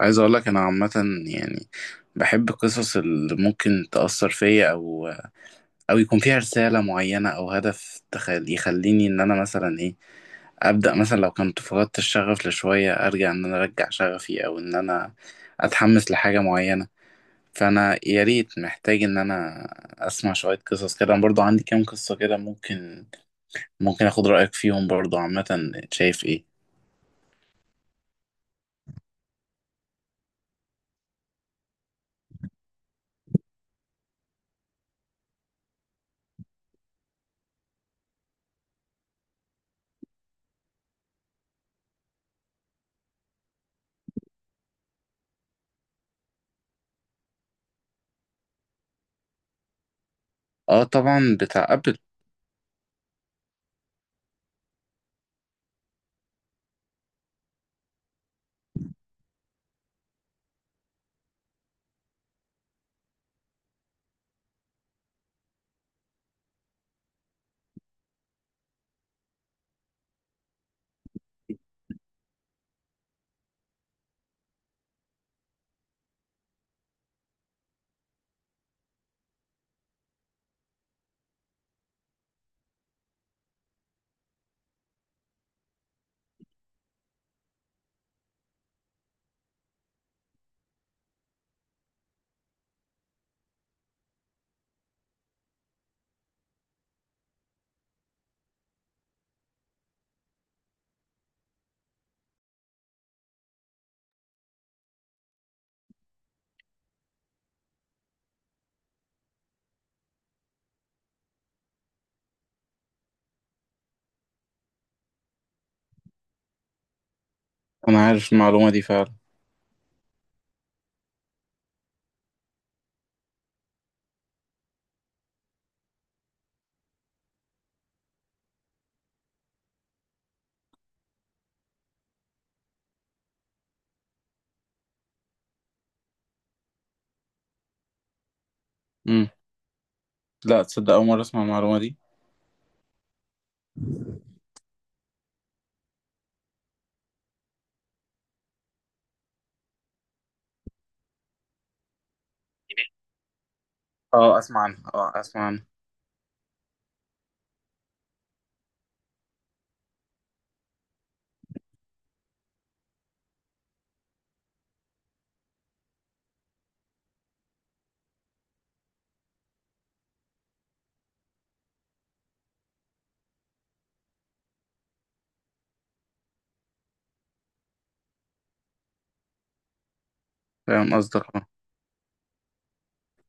عايز اقول لك انا عامه، يعني بحب القصص اللي ممكن تاثر فيا او يكون فيها رساله معينه او هدف يخليني ان انا مثلا ايه ابدا مثلا لو كنت فقدت الشغف لشويه ارجع ان انا ارجع شغفي او ان انا اتحمس لحاجه معينه. فانا يا ريت محتاج ان انا اسمع شويه قصص كده، انا برضو عندي كام قصه كده ممكن اخد رايك فيهم برضو. عامه شايف ايه؟ اه طبعا، بتاع ابل. انا عارف المعلومه دي فعلا. لا تصدق، أول مرة أسمع المعلومة دي. اه أسمع عنها، اه أسمع عنها. فاهم قصدك، اه.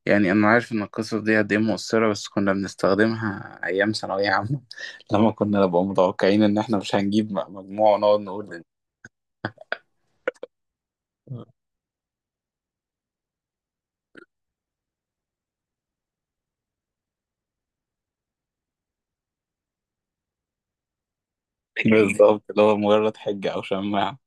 يعني أنا عارف إن القصص دي قد إيه مؤثرة، بس كنا بنستخدمها أيام ثانوية عامة لما كنا نبقى متوقعين إن إحنا مش هنجيب مجموع ونقعد نقول بالظبط، اللي هو مجرد حجة أو شماعة.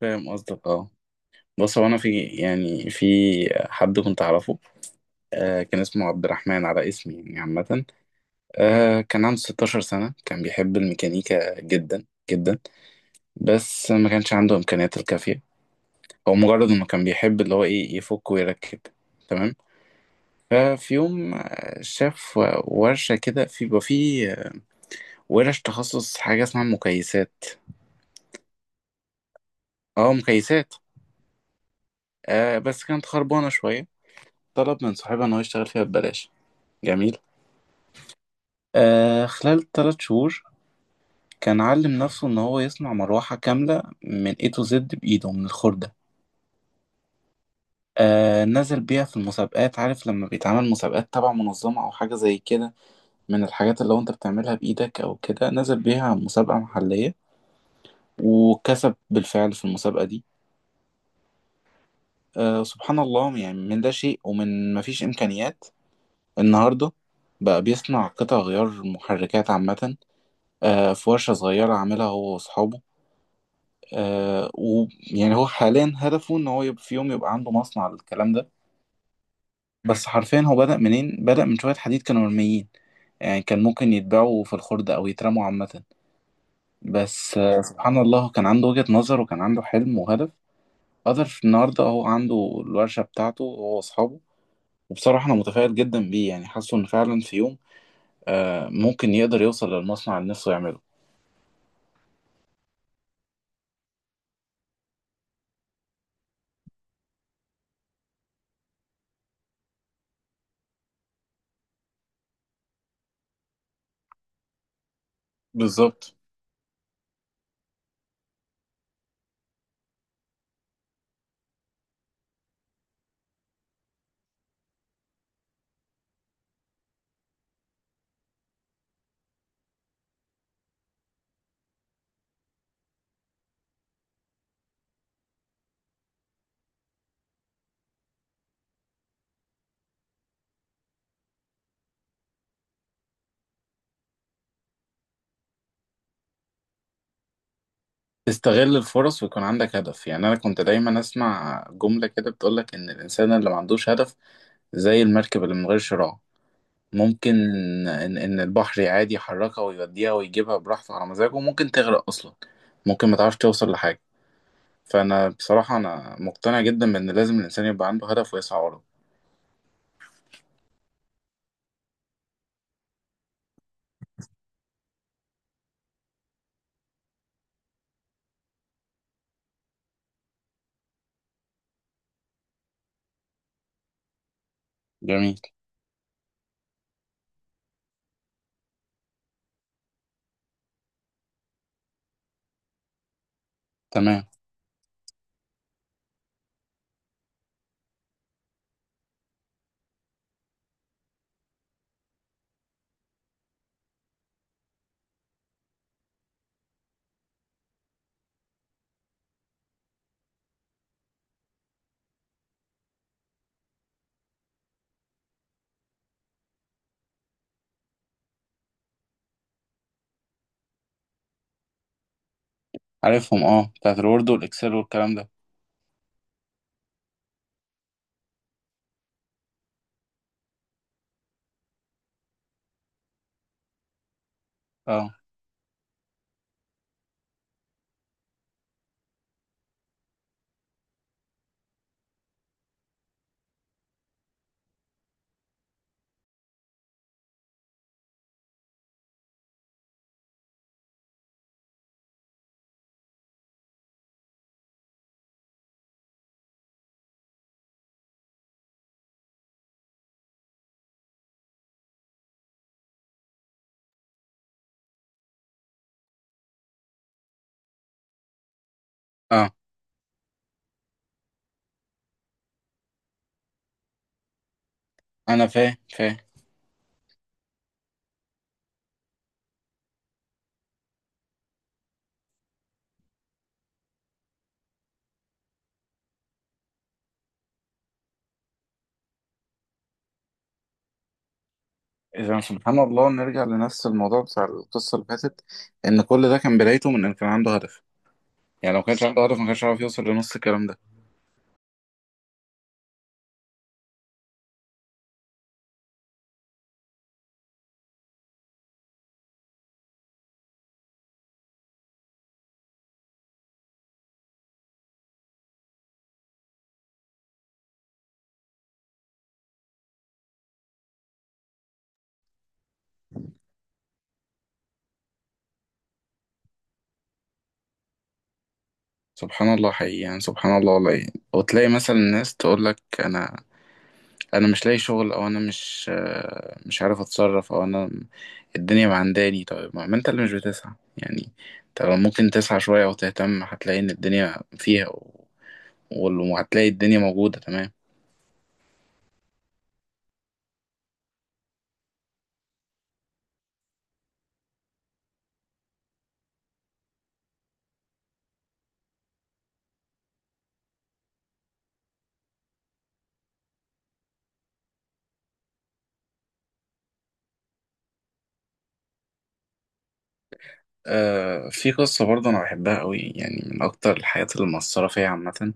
فاهم قصدك، اه. بص هو أنا في، يعني في حد كنت أعرفه، كان اسمه عبد الرحمن على اسمي يعني عامة، كان عنده 16 سنة، كان بيحب الميكانيكا جدا جدا. بس ما كانش عنده إمكانيات الكافية، هو مجرد انه كان بيحب اللي هو ايه يفك ويركب، تمام. ففي يوم شاف ورشة كده، في بقى في ورش تخصص حاجة اسمها مكيسات. اه مكيسات. آه بس كانت خربانة شوية، طلب من صاحبها ان هو يشتغل فيها ببلاش. جميل، آه خلال 3 شهور كان علم نفسه ان هو يصنع مروحة كاملة من A to Z بإيده من الخردة. آه نزل بيها في المسابقات، عارف لما بيتعمل مسابقات تبع منظمة او حاجة زي كده، من الحاجات اللي هو انت بتعملها بايدك او كده. نزل بيها مسابقة محلية، وكسب بالفعل في المسابقة دي. آه سبحان الله، يعني من لا شيء ومن ما فيش امكانيات، النهاردة بقى بيصنع قطع غيار محركات عامة، آه في ورشة صغيرة عاملها هو واصحابه. آه ويعني هو حاليا هدفه ان هو يبقى في يوم يبقى عنده مصنع للكلام ده. مم. بس حرفيا هو بدأ منين؟ بدأ من شوية حديد كانوا مرميين، يعني كان ممكن يتباعوا في الخردة او يترموا عامة. بس سبحان الله، كان عنده وجهة نظر وكان عنده حلم وهدف. قدر النهارده هو عنده الورشة بتاعته هو وأصحابه. وبصراحة أنا متفائل جدا بيه، يعني حاسه إن فعلا في يوم ممكن يقدر يوصل للمصنع اللي نفسه يعمله. بالظبط، تستغل الفرص ويكون عندك هدف. يعني أنا كنت دايما أسمع جملة كده بتقولك إن الإنسان اللي ما عندوش هدف زي المركب اللي من غير شراع، ممكن إن البحر عادي يحركها ويوديها ويجيبها براحته على مزاجه، وممكن تغرق أصلا، ممكن ما تعرفش توصل لحاجة. فأنا بصراحة أنا مقتنع جدا بإن لازم الإنسان يبقى عنده هدف ويسعى وراه. جميل، تمام. عارفهم، اه، بتاعت الوورد والاكسل والكلام ده. اه. اه انا فاهم فاهم. اذا سبحان الله نرجع لنفس الموضوع بتاع القصه اللي فاتت، ان كل ده كان بدايته من ان كان عنده هدف. يعني لو ما كانش عنده هدف ما كانش عارف يوصل لنص الكلام ده. سبحان الله حقيقي، يعني سبحان الله والله يعني. وتلاقي مثلا الناس تقول لك، انا مش لاقي شغل، او انا مش عارف اتصرف، او انا الدنيا معنداني. طيب ما انت اللي مش بتسعى. يعني انت لو ممكن تسعى شوية او تهتم، هتلاقي ان الدنيا فيها وهتلاقي الدنيا موجودة، تمام. آه في قصة برضه أنا بحبها قوي، يعني من أكتر الحاجات اللي مأثرة فيا عامة.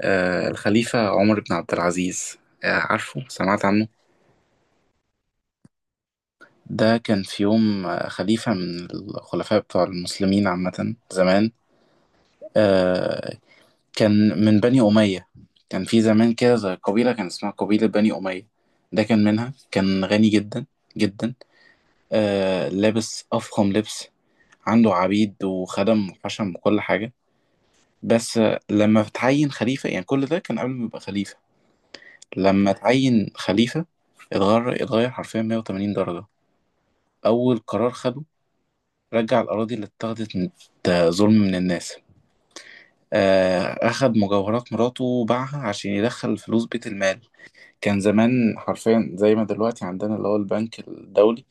آه الخليفة عمر بن عبد العزيز، آه عارفه؟ سمعت عنه؟ ده كان في يوم خليفة من الخلفاء بتوع المسلمين عامة زمان، آه، كان من بني أمية. كان في زمان كده زي قبيلة، كان اسمها قبيلة بني أمية، ده كان منها. كان غني جدا جدا، آه لابس أفخم لبس، عنده عبيد وخدم وحشم وكل حاجة. بس لما اتعين خليفة، يعني كل ده كان قبل ما يبقى خليفة. لما اتعين خليفة اتغير، اتغير حرفيا 180 درجة. أول قرار خده، رجع الأراضي اللي اتاخدت من ظلم من الناس. آه أخد مجوهرات مراته وباعها عشان يدخل فلوس بيت المال. كان زمان حرفيا زي ما دلوقتي عندنا اللي هو البنك الدولي،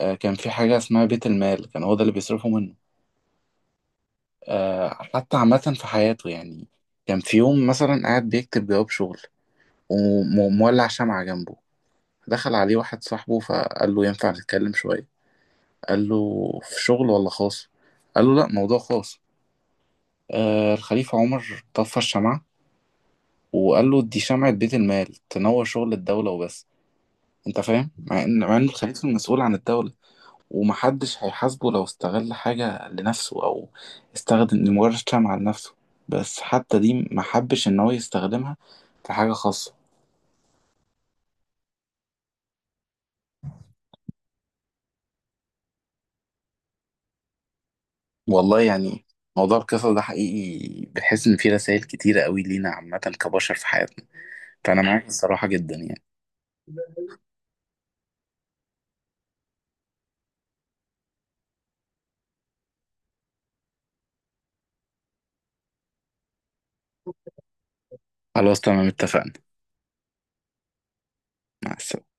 كان في حاجة اسمها بيت المال، كان هو ده اللي بيصرفوا منه. حتى عامة في حياته، يعني كان في يوم مثلا قاعد بيكتب جواب شغل ومولع شمعة جنبه. دخل عليه واحد صاحبه فقال له ينفع نتكلم شوية؟ قال له في شغل ولا خاص؟ قال له لا موضوع خاص. الخليفة عمر طفى الشمعة وقال له دي شمعة بيت المال تنور شغل الدولة وبس. انت فاهم؟ مع ان الخليفة المسؤول عن الدولة ومحدش هيحاسبه لو استغل حاجة لنفسه أو استخدم لمجرد شمعة لنفسه، بس حتى دي محبش إن هو يستخدمها في حاجة خاصة. والله يعني، موضوع القصص ده حقيقي بحس إن فيه رسائل كتيرة قوي لينا عامة كبشر في حياتنا. فأنا معاك الصراحة جدا يعني. خلاص تمام اتفقنا. مع السلامة.